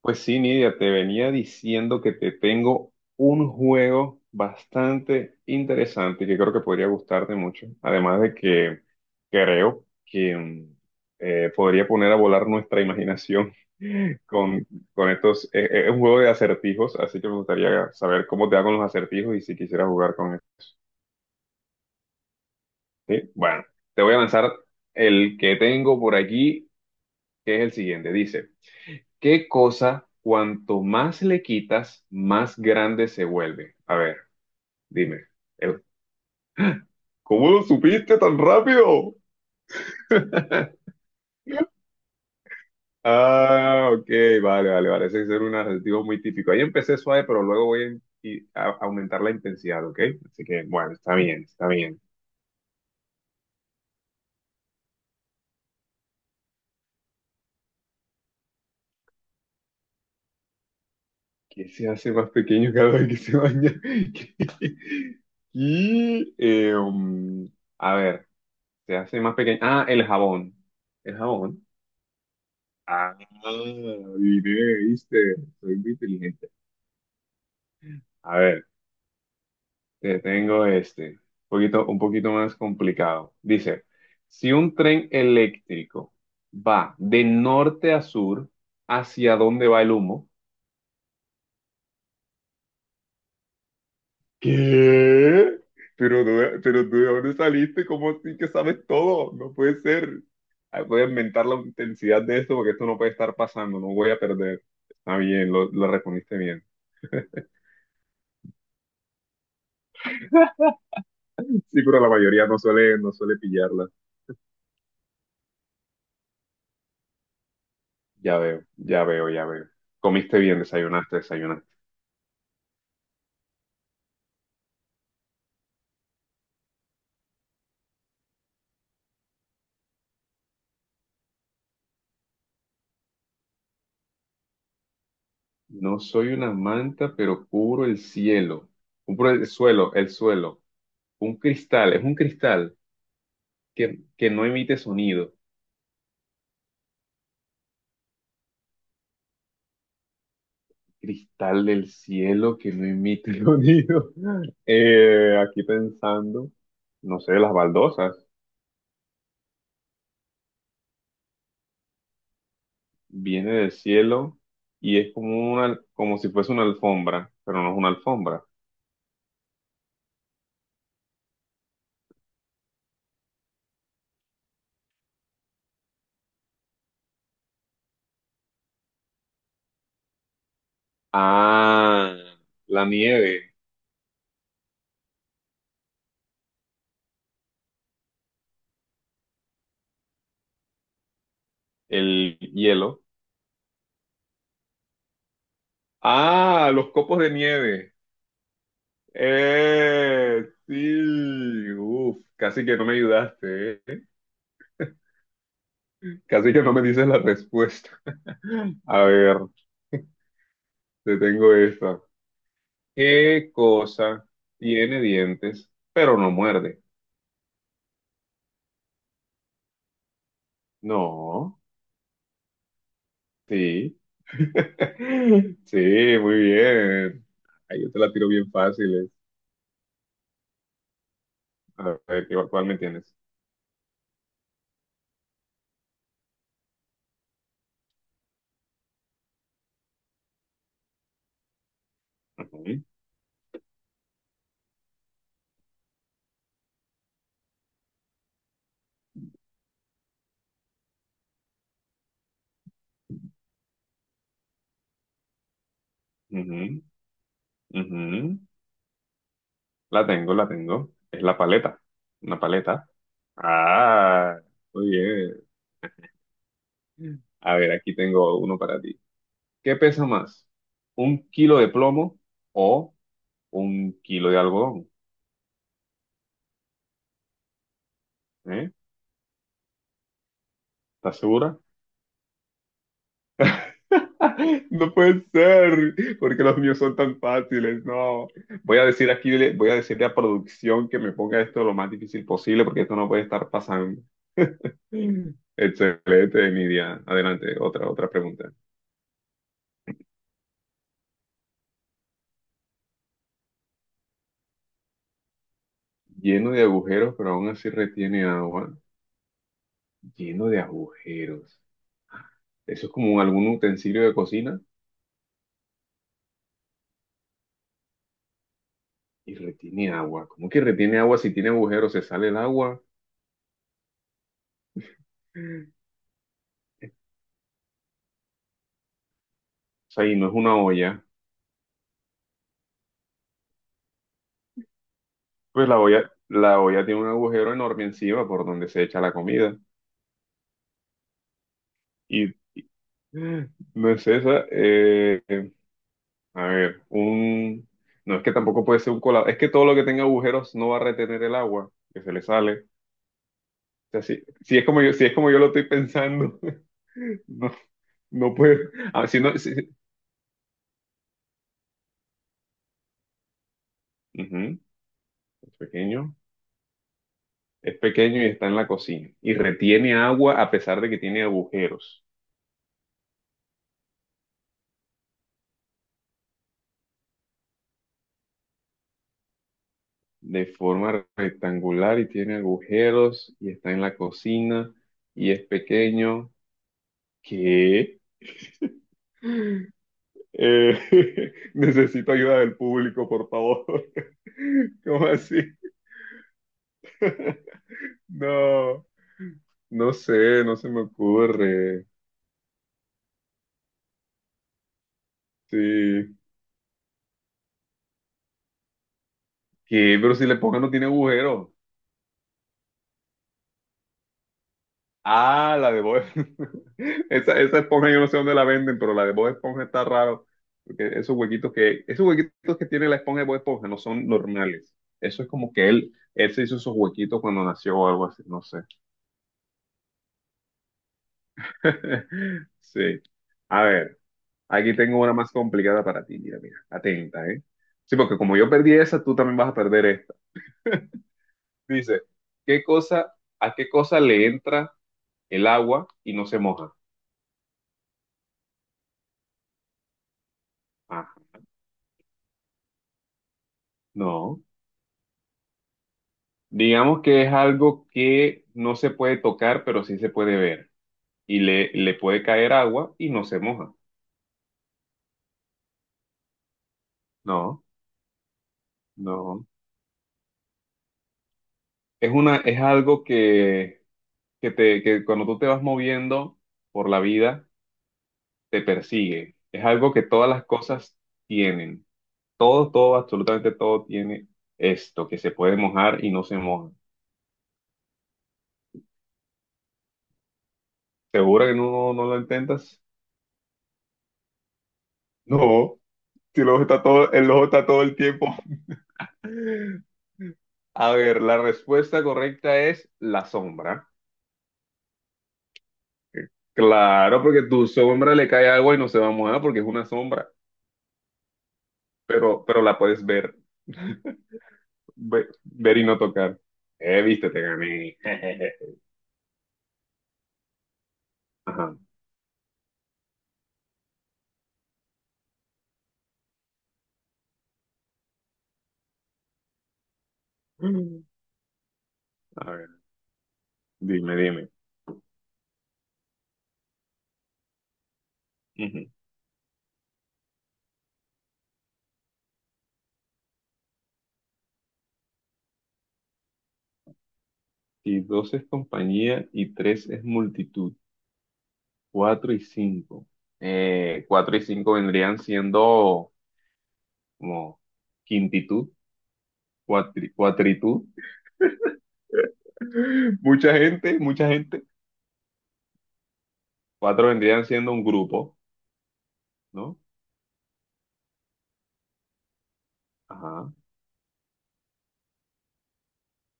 Pues sí, Nidia, te venía diciendo que te tengo un juego bastante interesante que creo que podría gustarte mucho. Además de que creo que podría poner a volar nuestra imaginación. con, es un juego de acertijos, así que me gustaría saber cómo te hago los acertijos y si quisieras jugar con él. ¿Sí? Bueno, te voy a lanzar el que tengo por aquí, que es el siguiente. Dice: ¿Qué cosa, cuanto más le quitas, más grande se vuelve? A ver, dime. El- ¿Cómo lo supiste tan rápido? Ah, ok, vale, vale, vale. Ese es un adjetivo muy típico. Ahí empecé suave, pero luego voy a, in- y- a aumentar la intensidad, ¿ok? Así que, bueno, está bien, está bien. ¿Qué se hace más pequeño cada vez que se baña? Y, a ver, se hace más pequeño. Ah, el jabón. El jabón. Ah, diré, viste, soy muy inteligente. A ver, te tengo este, un poquito más complicado. Dice, si un tren eléctrico va de norte a sur, ¿hacia dónde va el humo? ¿Qué? Pero, pero tú, ¿de dónde saliste? ¿Cómo así que sabes todo? No puede ser. Ay, voy a inventar la intensidad de esto porque esto no puede estar pasando, no voy a perder. Está bien, lo respondiste bien. Sí, pero la mayoría no suele pillarla. Ya veo, ya veo, ya veo. Comiste bien, desayunaste, desayunaste. No soy una manta, pero cubro el cielo. Cubro el suelo, el suelo. Es un cristal que no emite sonido. Cristal del cielo que no emite sonido. Aquí pensando, no sé, las baldosas. Viene del cielo y es como si fuese una alfombra, pero no es una alfombra. Ah, la nieve, el hielo. Ah, los copos de nieve. Sí. Uf, casi que no me ayudaste, ¿eh? Casi que no me dices la respuesta. A ver, te tengo esta. ¿Qué cosa tiene dientes, pero no muerde? No, sí. Sí, muy bien. Ahí yo te la tiro bien fácil. A ver, ¿cuál me tienes? Ujú, ujú, ujú. La tengo, la tengo. Es la paleta. Una paleta. Ah, muy bien. A ver, aquí tengo uno para ti. ¿Qué pesa más? ¿Un kilo de plomo o un kilo de algodón? ¿Eh? ¿Estás segura? No puede ser, porque los míos son tan fáciles. No, voy a decirle a producción que me ponga esto lo más difícil posible, porque esto no puede estar pasando. Excelente, Nidia. Adelante, otra pregunta. Lleno de agujeros, pero aún así retiene agua. Lleno de agujeros. Eso es como algún utensilio de cocina y retiene agua. ¿Cómo que retiene agua si tiene agujeros? Se sale el agua. O sea, y no es una olla. Pues la olla tiene un agujero enorme encima por donde se echa la comida. Y no es esa. A ver, no es que tampoco puede ser un colado. Es que todo lo que tenga agujeros no va a retener el agua que se le sale. O sea, si es como yo, lo estoy pensando, no, no puede. Ah, si no, si- si, ujú, es pequeño. Es pequeño y está en la cocina. Y retiene agua a pesar de que tiene agujeros. De forma rectangular y tiene agujeros y está en la cocina y es pequeño. ¿Qué? Eh, necesito ayuda del público, por favor. ¿Cómo así? No, no sé, no se me ocurre. Sí. ¿Qué? Pero si le pongo no tiene agujero. Ah, la de Bob. Esa esponja yo no sé dónde la venden, pero la de Bob Esponja está raro. Porque esos huequitos que tiene la esponja de Bob Esponja no son normales. Eso es como que él se hizo esos huequitos cuando nació o algo así, no sé. Sí. A ver, aquí tengo una más complicada para ti. Mira, mira, atenta, ¿eh? Sí, porque como yo perdí esa, tú también vas a perder esta. Dice, ¿qué cosa, ¿a qué cosa le entra el agua y no se moja? Ah, no. Digamos que es algo que no se puede tocar, pero sí se puede ver. Y le puede caer agua y no se moja. No, no. Es algo que cuando tú te vas moviendo por la vida, te persigue. Es algo que todas las cosas tienen. Todo, todo, absolutamente todo tiene esto, que se puede mojar y no se moja. ¿Segura que no, no lo intentas? No, si el ojo está todo, el ojo está todo el tiempo. A ver, la respuesta correcta es la sombra. Claro, porque tu sombra le cae agua y no se va a mojar porque es una sombra, pero la puedes ver, y no tocar. Viste, te gané. Ajá. A ver, dime, dime. Ujú. Si dos es compañía y tres es multitud, cuatro y cinco. Cuatro y cinco vendrían siendo como quintitud, cuatritud. Mucha gente, mucha gente. Cuatro vendrían siendo un grupo, ¿no? Ajá,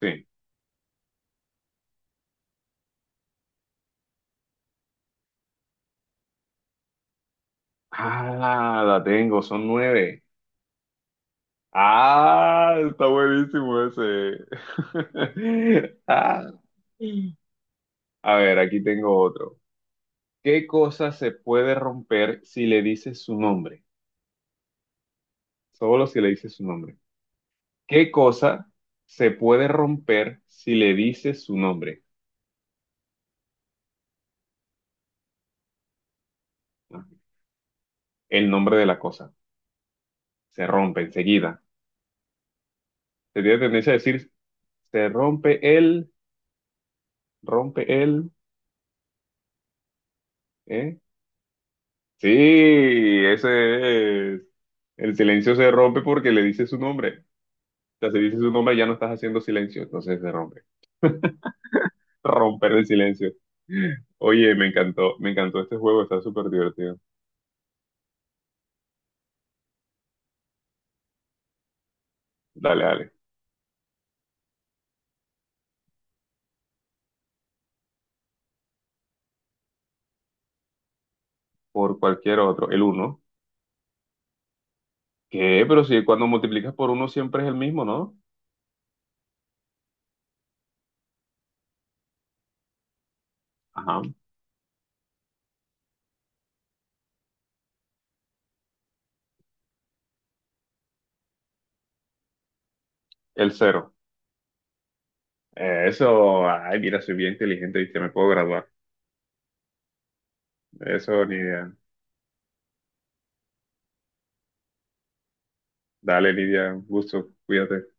sí. Ah, la tengo, son nueve. Ah, está buenísimo ese. Ah. A ver, aquí tengo otro. ¿Qué cosa se puede romper si le dices su nombre? Solo si le dices su nombre. ¿Qué cosa se puede romper si le dices su nombre? Ajá. El nombre de la cosa. Se rompe enseguida. Se tiene tendencia a decir, se rompe él, rompe él. ¿Eh? Sí, ese es. El silencio se rompe porque le dice su nombre. O sea, si dices su nombre ya no estás haciendo silencio, entonces se rompe. Romper el silencio. Oye, me encantó este juego, está súper divertido. Dale, dale. Por cualquier otro. El uno. ¿Qué? Pero si cuando multiplicas por uno siempre es el mismo, ¿no? Ajá. El cero. Eso, ay, mira, soy bien inteligente y te me puedo graduar. Eso, Nidia. Dale, Nidia, un gusto, cuídate.